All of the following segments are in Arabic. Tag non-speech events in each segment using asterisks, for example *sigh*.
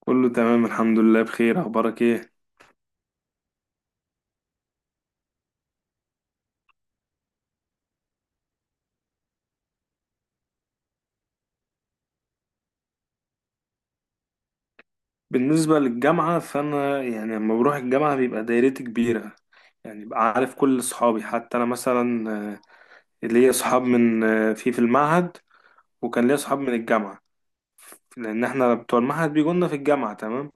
كله تمام الحمد لله بخير، اخبارك ايه؟ بالنسبه للجامعه فانا يعني لما بروح الجامعه بيبقى دايرتي كبيره. يعني بقى عارف كل اصحابي. حتى انا مثلا ليا اصحاب من في المعهد، وكان ليا اصحاب من الجامعه، لان احنا بتوع المعهد بيجونا في الجامعه. تمام.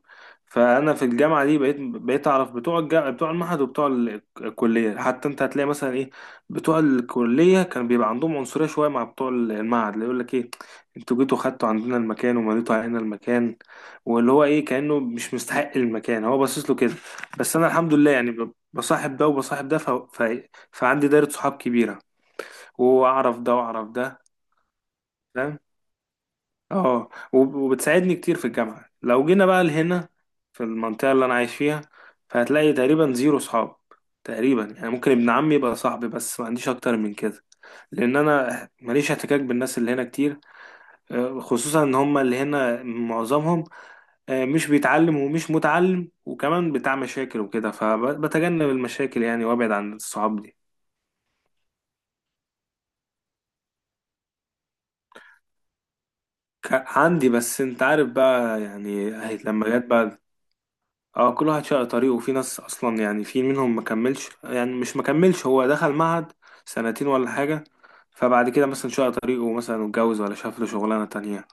فانا في الجامعه دي بقيت اعرف بتوع المعهد وبتوع الكليه. حتى انت هتلاقي مثلا ايه، بتوع الكليه كان بيبقى عندهم عنصريه شويه مع بتوع المعهد، اللي يقول لك ايه، انتوا جيتوا خدتوا عندنا المكان ومليتوا علينا المكان، واللي هو ايه كانه مش مستحق المكان، هو باصص له كده. بس انا الحمد لله يعني بصاحب ده وبصاحب ده فعندي دايره صحاب كبيره، واعرف ده واعرف ده. اه، وبتساعدني كتير في الجامعة. لو جينا بقى لهنا في المنطقة اللي أنا عايش فيها، فهتلاقي تقريبا زيرو صحاب. تقريبا يعني ممكن ابن عمي يبقى صاحبي، بس ما عنديش أكتر من كده، لأن أنا ماليش احتكاك بالناس اللي هنا كتير. خصوصا إن هما اللي هنا معظمهم، مش بيتعلم ومش متعلم، وكمان بتاع مشاكل وكده، فبتجنب المشاكل يعني، وأبعد عن الصحاب دي. ك- عندي، بس انت عارف بقى يعني أهي لما جت بقى. اه، كل واحد شق طريقه، وفي ناس اصلا يعني في منهم ما كملش، يعني مش ما كملش، هو دخل معهد سنتين ولا حاجه، فبعد كده مثلا شق طريقه، مثلا اتجوز ولا شاف له شغلانه تانية.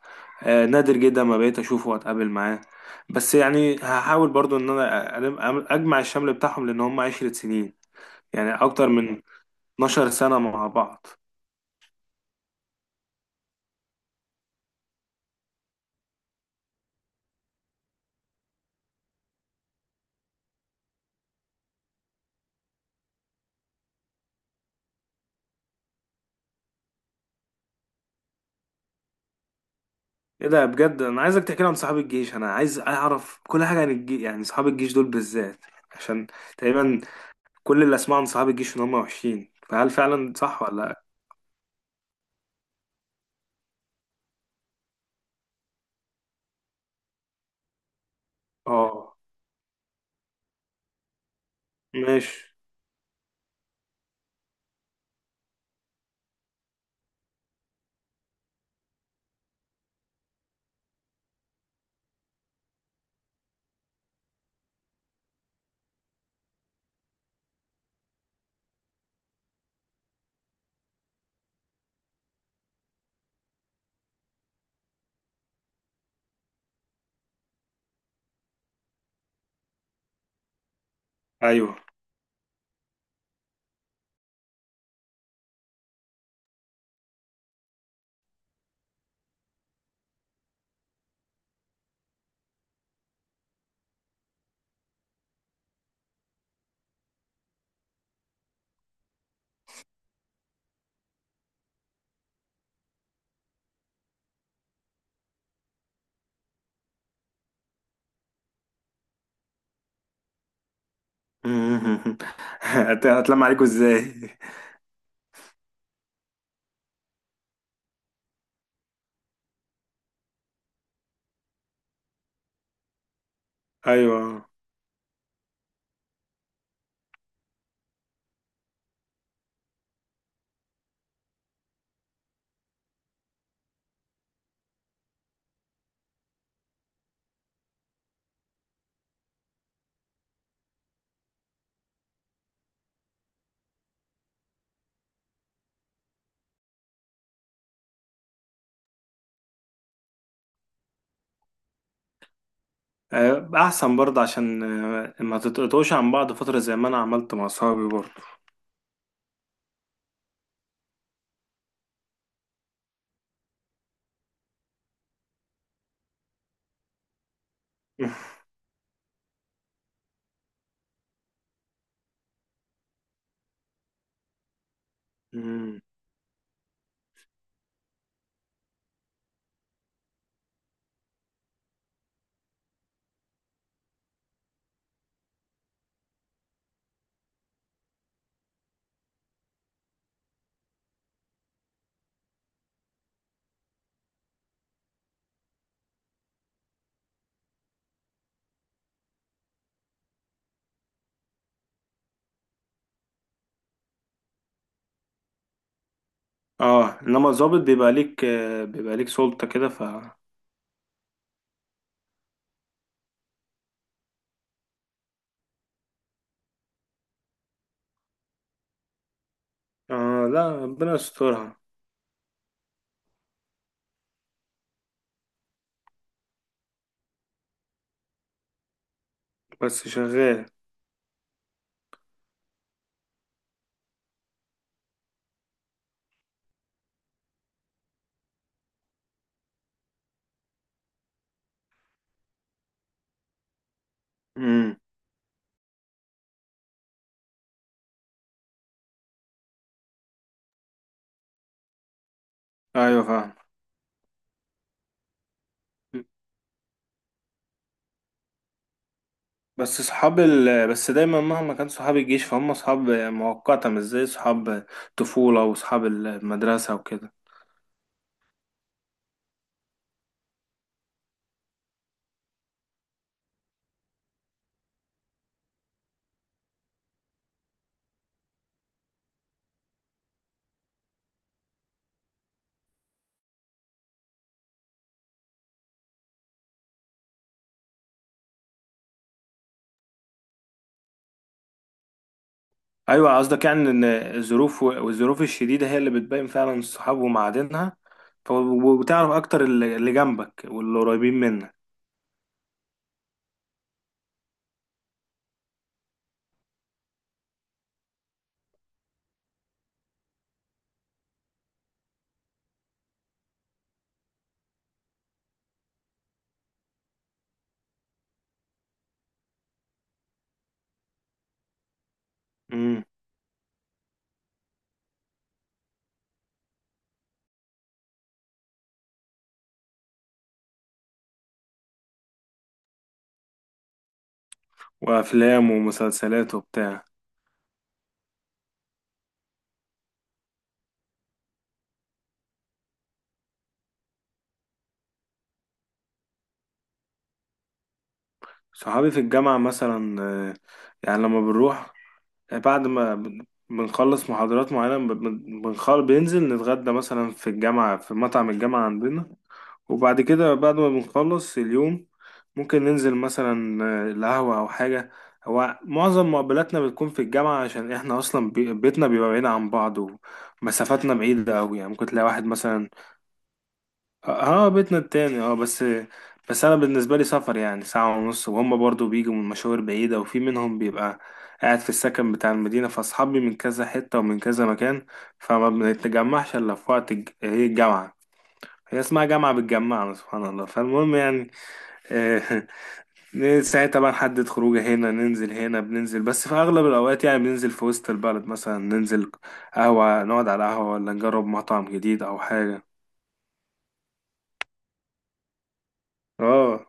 آه، نادر جدا ما بقيت اشوفه واتقابل معاه. بس يعني هحاول برضو ان انا اجمع الشمل بتاعهم، لان هم عشرة سنين، يعني اكتر من 12 سنه مع بعض. ايه ده، بجد انا عايزك تحكي لي عن صحاب الجيش، انا عايز اعرف كل حاجه عن الجيش، يعني صحاب الجيش دول بالذات، عشان تقريبا كل اللي اسمعه عن صحاب الجيش ان هم وحشين، فهل فعلا صح ولا لا؟ اه. ماشي. ايوه. *laughs* هتلم عليكوا ازاي؟ *laughs* ايوه. احسن برضه عشان ما تتقطعوش عن بعض فتره، زي ما انا عملت مع صحابي برضه. *laughs* مم. اه، انما الضابط بيبقى ليك بيبقى ليك سلطة كده ف. اه لا، ربنا يسترها. بس شغال. *laughs* امم. ايوه فاهم. بس دايما مهما كان صحاب الجيش فهم صحاب مؤقتة، مش زي صحاب طفولة وصحاب المدرسة وكده. أيوة، قصدك يعني إن الظروف والظروف الشديدة هي اللي بتبين فعلا الصحاب ومعادنها. وبتعرف أكتر اللي جنبك واللي قريبين منك. امم. وأفلام ومسلسلات وبتاع. صحابي في الجامعة مثلا يعني لما بنروح، بعد ما بنخلص محاضرات معينة بننزل نتغدى مثلا في الجامعة، في مطعم الجامعة عندنا. وبعد كده بعد ما بنخلص اليوم، ممكن ننزل مثلا القهوة أو حاجة. هو معظم مقابلاتنا بتكون في الجامعة، عشان احنا أصلا بيتنا بيبقى بعيد عن بعض، ومسافاتنا بعيدة أوي، يعني ممكن تلاقي واحد مثلا. اه، بيتنا التاني اه، بس، بس أنا بالنسبة لي سفر يعني ساعة ونص، وهم برضو بيجوا من مشاوير بعيدة، وفي منهم بيبقى قاعد في السكن بتاع المدينة، فأصحابي من كذا حتة ومن كذا مكان، فما بنتجمعش إلا في وقت هي الجامعة، هي اسمها جامعة بتجمعنا سبحان الله. فالمهم يعني، آه، *laughs* ساعتها طبعا نحدد خروجه، هنا ننزل، هنا بننزل، بس في أغلب الأوقات يعني بننزل في وسط البلد مثلا، ننزل قهوة، نقعد على قهوة، ولا نجرب مطعم جديد أو حاجة. اه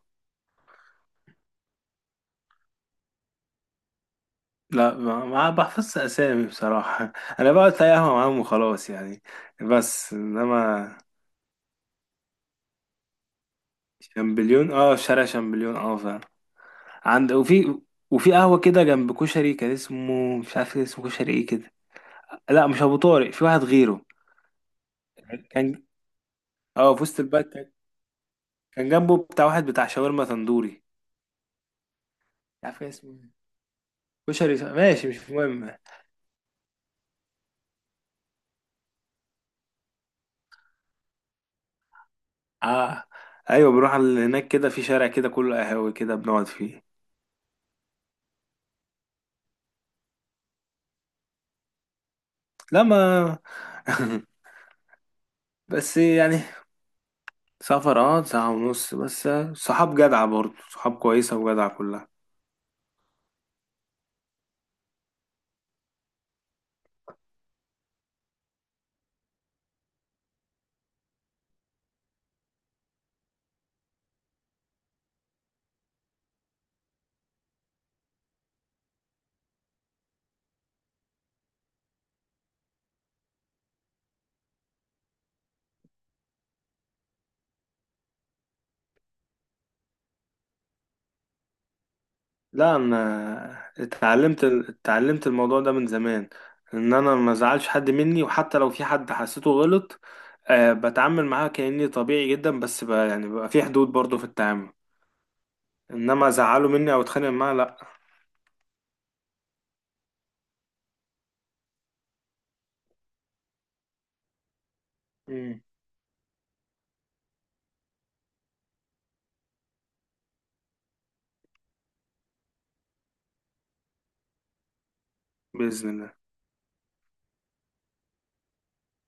لا، ما بحفظش أسامي بصراحة. *laughs* أنا بقعد في أي قهوة معاهم وخلاص يعني، بس إنما. شامبليون اه، في شارع شامبليون اه فعلا. عند، وفي، وفي قهوة كده جنب كشري، كان اسمه مش عارف اسمه كشري ايه كده. لا مش أبو طارق، في واحد غيره. كان، اه، في وسط البلد كان، كان جنبه بتاع واحد بتاع شاورما تندوري. مش عارف إيه اسمه إيه. كشري ماشي مش مهم. اه، ايوه بنروح على هناك كده، في شارع كده كله قهاوي كده بنقعد فيه. لا ما. *laughs* بس يعني سفر، اه ساعة ونص بس. صحاب جدعة برضه، صحاب كويسة وجدعة كلها. لا انا اتعلمت، اتعلمت الموضوع ده من زمان، ان انا ما ازعلش حد مني، وحتى لو في حد حسيته غلط، أه بتعامل معاه كأني طبيعي جدا، بس بقى يعني بقى في حدود برضه في التعامل، انما ازعله مني او اتخانق معاه لا. مم. بإذن الله.